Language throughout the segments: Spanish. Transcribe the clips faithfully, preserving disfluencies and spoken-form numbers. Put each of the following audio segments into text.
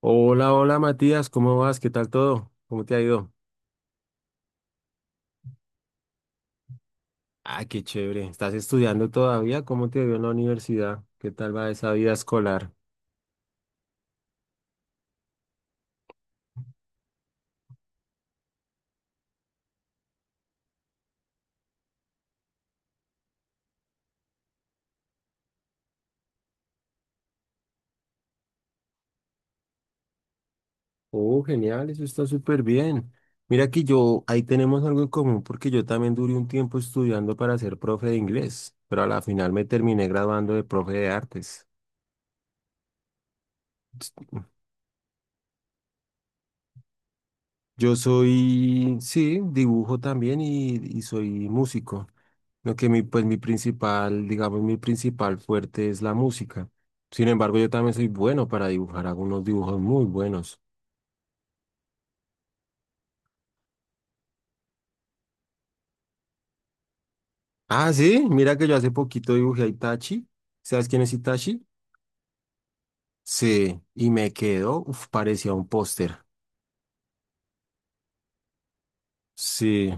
Hola, hola Matías, ¿cómo vas? ¿Qué tal todo? ¿Cómo te ha ido? Ah, qué chévere. ¿Estás estudiando todavía? ¿Cómo te vio en la universidad? ¿Qué tal va esa vida escolar? Oh, genial, eso está súper bien. Mira que yo, ahí tenemos algo en común porque yo también duré un tiempo estudiando para ser profe de inglés, pero a la final me terminé graduando de profe de artes. Yo soy, sí, dibujo también y, y soy músico. Lo que mi, pues mi principal, digamos, mi principal fuerte es la música. Sin embargo, yo también soy bueno para dibujar, hago unos dibujos muy buenos. Ah, sí, mira que yo hace poquito dibujé a Itachi. ¿Sabes quién es Itachi? Sí, y me quedó, uf, parecía un póster. Sí,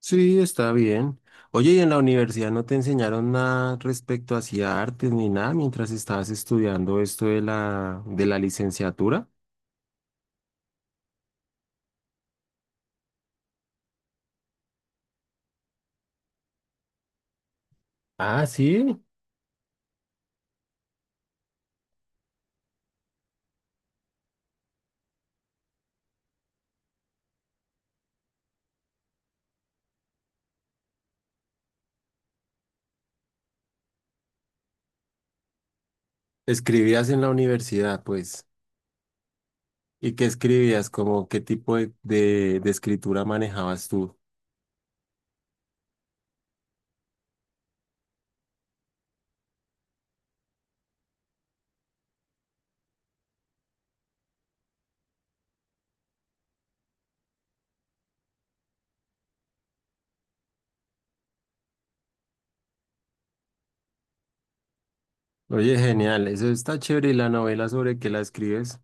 sí, está bien. Oye, ¿y en la universidad no te enseñaron nada respecto hacia artes ni nada mientras estabas estudiando esto de la, de la licenciatura? Ah, sí, escribías en la universidad, pues. ¿Y qué escribías? ¿Como qué tipo de de, de escritura manejabas tú? Oye, genial, eso está chévere. ¿Y la novela sobre qué la escribes?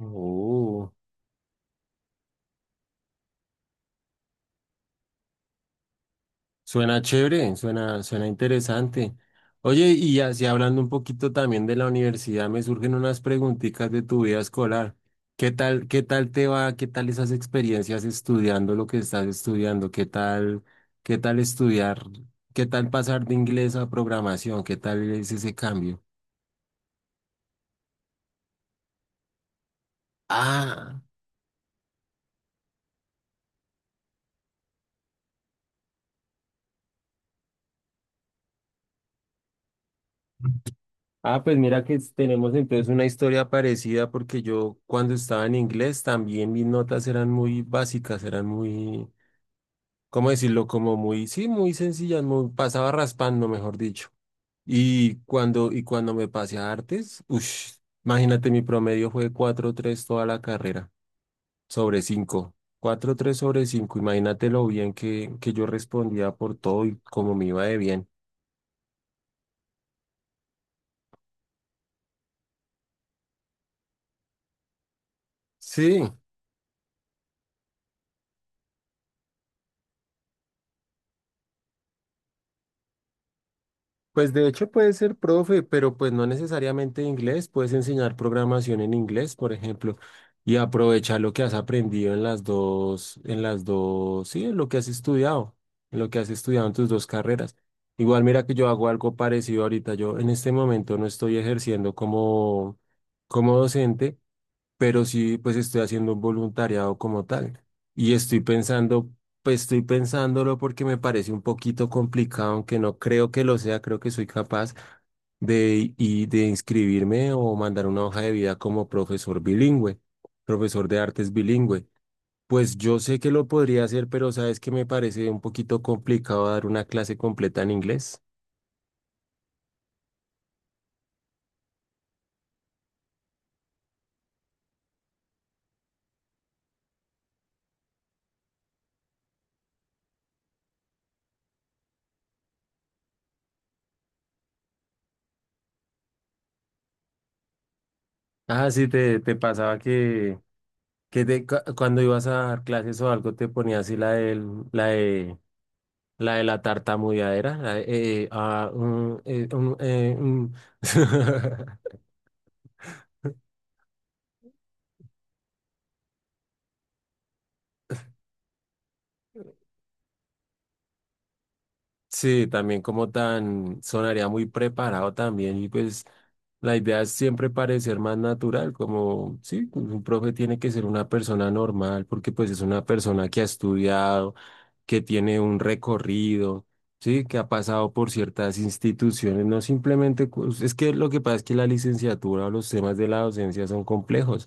Oh, suena chévere, suena, suena interesante. Oye, y así hablando un poquito también de la universidad, me surgen unas preguntitas de tu vida escolar. ¿Qué tal, qué tal te va? ¿Qué tal esas experiencias estudiando lo que estás estudiando? ¿Qué tal, qué tal estudiar? ¿Qué tal pasar de inglés a programación? ¿Qué tal es ese cambio? Ah. Ah, pues mira que s- tenemos entonces una historia parecida porque yo cuando estaba en inglés también mis notas eran muy básicas, eran muy, ¿cómo decirlo? Como muy, sí, muy sencillas, muy, pasaba raspando, mejor dicho. Y cuando, y cuando me pasé a artes, uff, imagínate, mi promedio fue cuatro tres toda la carrera, sobre cinco, cuatro tres sobre cinco. Imagínate lo bien que, que yo respondía por todo y cómo me iba de bien. Sí. Pues de hecho puede ser profe, pero pues no necesariamente de inglés, puedes enseñar programación en inglés, por ejemplo, y aprovechar lo que has aprendido en las dos, en las dos, sí, en lo que has estudiado, en lo que has estudiado en tus dos carreras. Igual mira que yo hago algo parecido ahorita, yo en este momento no estoy ejerciendo como, como docente, pero sí, pues estoy haciendo un voluntariado como tal. Y estoy pensando, pues estoy pensándolo porque me parece un poquito complicado, aunque no creo que lo sea, creo que soy capaz de, y de inscribirme o mandar una hoja de vida como profesor bilingüe, profesor de artes bilingüe. Pues yo sé que lo podría hacer, pero sabes que me parece un poquito complicado dar una clase completa en inglés. Ah, sí, te, te pasaba que, que te- cu- cuando ibas a dar clases o algo te ponías así la del- la de la de la tartamudeadera. La de, eh, ah, mm, eh, mm, eh, mm. Sí, también como tan sonaría muy preparado también y pues la idea es siempre parecer más natural, como sí, un profe tiene que ser una persona normal porque pues es una persona que ha estudiado, que tiene un recorrido, ¿sí? Que ha pasado por ciertas instituciones, no simplemente, cu- es que lo que pasa es que la licenciatura o los temas de la docencia son complejos,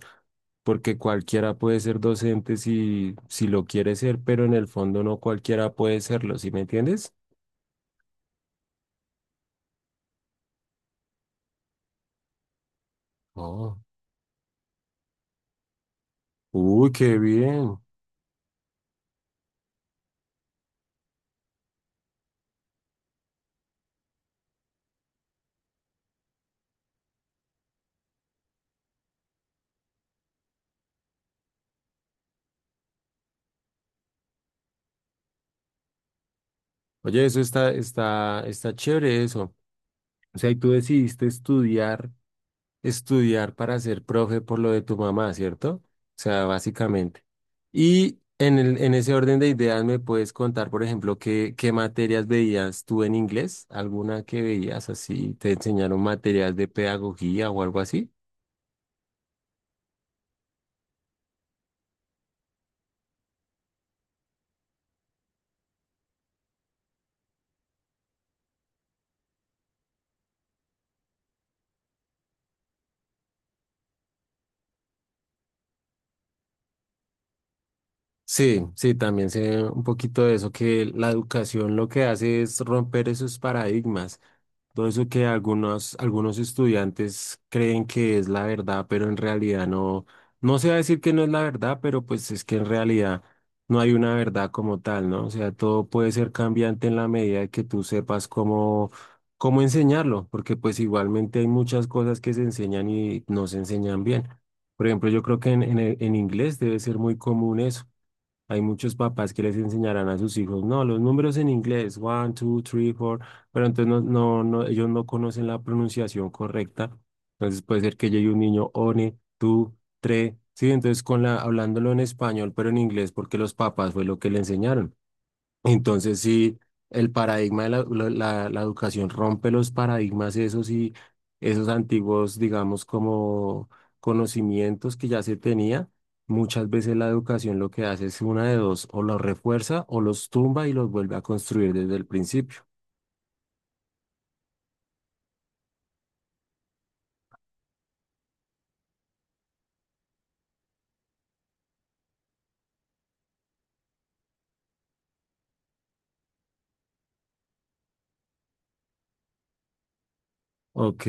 porque cualquiera puede ser docente si, si lo quiere ser, pero en el fondo no cualquiera puede serlo, ¿sí me entiendes? Oh, uy, qué bien. Oye, eso está, está, está chévere eso. O sea, y tú decidiste estudiar. Estudiar para ser profe por lo de tu mamá, ¿cierto? O sea, básicamente. Y en el, en ese orden de ideas, ¿me puedes contar, por ejemplo, qué, qué materias veías tú en inglés? ¿Alguna que veías así? ¿Te enseñaron materias de pedagogía o algo así? Sí, sí, también sé un poquito de eso, que la educación lo que hace es romper esos paradigmas. Todo eso que algunos, algunos estudiantes creen que es la verdad, pero en realidad no, no se va a decir que no es la verdad, pero pues es que en realidad no hay una verdad como tal, ¿no? O sea, todo puede ser cambiante en la medida de que tú sepas cómo, cómo enseñarlo, porque pues igualmente hay muchas cosas que se enseñan y no se enseñan bien. Por ejemplo, yo creo que en, en, en inglés debe ser muy común eso. Hay muchos papás que les enseñarán a sus hijos, no, los números en inglés, one two three four, pero entonces no, no, no, ellos no conocen la pronunciación correcta. Entonces puede ser que llegue un niño, one two, tres, sí, entonces con la, hablándolo en español, pero en inglés, porque los papás fue lo que le enseñaron. Entonces, sí, el paradigma de la, la, la- la educación rompe los paradigmas esos y esos antiguos, digamos, como conocimientos que ya se tenía. Muchas veces la educación lo que hace es una de dos, o los refuerza o los tumba y los vuelve a construir desde el principio. Ok,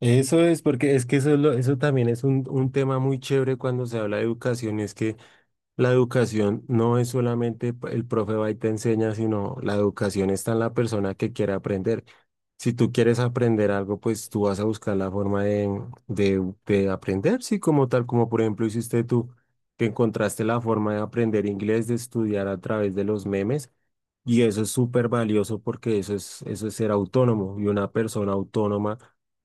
eso es porque es que eso, es lo- eso también es un, un tema muy chévere cuando se habla de educación, es que la educación no es solamente p- el profe va y te enseña, sino la educación está en la persona que quiere aprender. Si tú quieres aprender algo, pues tú vas a buscar la forma de, de, de aprender, sí, como tal, como por ejemplo hiciste tú, que encontraste la forma de aprender inglés, de estudiar a través de los memes. Y eso es súper valioso porque eso es, eso es ser autónomo. Y una persona autónoma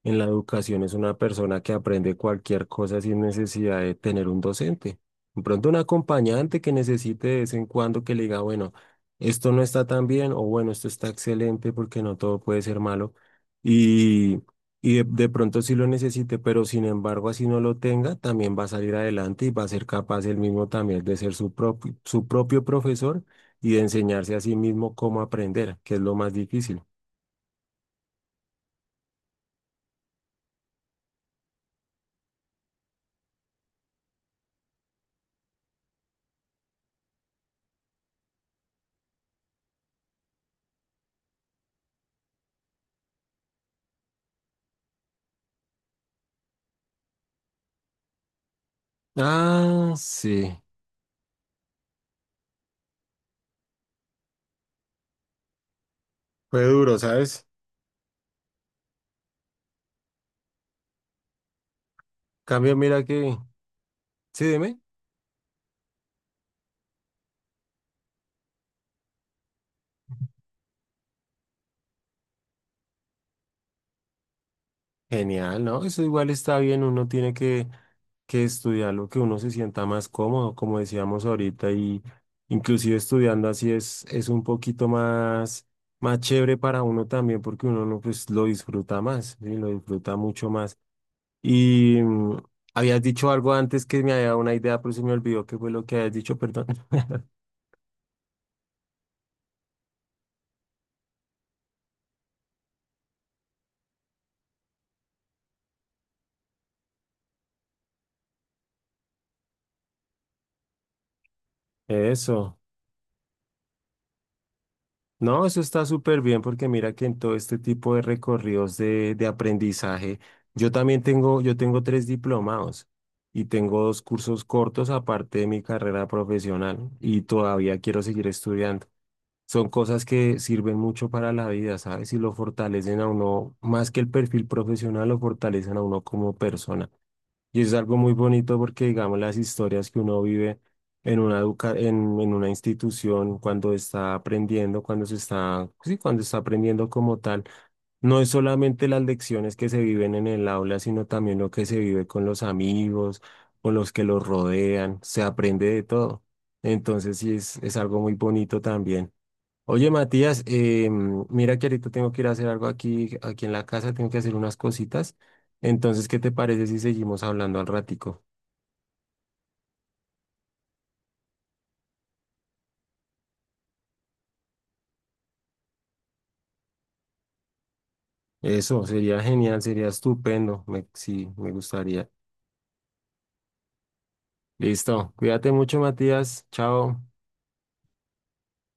en la educación es una persona que aprende cualquier cosa sin necesidad de tener un docente. De pronto un acompañante que necesite de vez en cuando que le diga, bueno, esto no está tan bien o bueno, esto está excelente porque no todo puede ser malo. Y, y de, de pronto sí lo necesite, pero sin embargo así no lo tenga, también va a salir adelante y va a ser capaz él mismo también de ser su propio, su propio profesor y de enseñarse a sí mismo cómo aprender, que es lo más difícil. Ah, sí, fue duro, ¿sabes? Cambio, mira que, sí, dime, genial, ¿no? Eso igual está bien, uno tiene que, que estudiar lo que uno se sienta más cómodo, como decíamos ahorita, y inclusive estudiando así es, es un poquito más, más chévere para uno también, porque uno no, pues, lo disfruta más, ¿sí? Lo disfruta mucho más. Y mm, habías dicho algo antes que me había dado una idea, pero se me olvidó qué fue lo que habías dicho, perdón. Eso. No, eso está súper bien porque mira que en todo este tipo de recorridos de, de aprendizaje, yo también tengo, yo tengo tres diplomados y tengo dos cursos cortos aparte de mi carrera profesional y todavía quiero seguir estudiando. Son cosas que sirven mucho para la vida, ¿sabes? Y lo fortalecen a uno, más que el perfil profesional, lo fortalecen a uno como persona. Y es algo muy bonito porque, digamos, las historias que uno vive en una, educa- en, en una institución, cuando está aprendiendo, cuando se está, sí, cuando está aprendiendo como tal, no es solamente las lecciones que se viven en el aula, sino también lo que se vive con los amigos, con los que los rodean, se aprende de todo. Entonces, sí, es, es algo muy bonito también. Oye, Matías, eh, mira que ahorita tengo que ir a hacer algo aquí, aquí en la casa, tengo que hacer unas cositas. Entonces, ¿qué te parece si seguimos hablando al ratico? Eso, sería genial, sería estupendo. Me, sí, me gustaría. Listo. Cuídate mucho, Matías. Chao.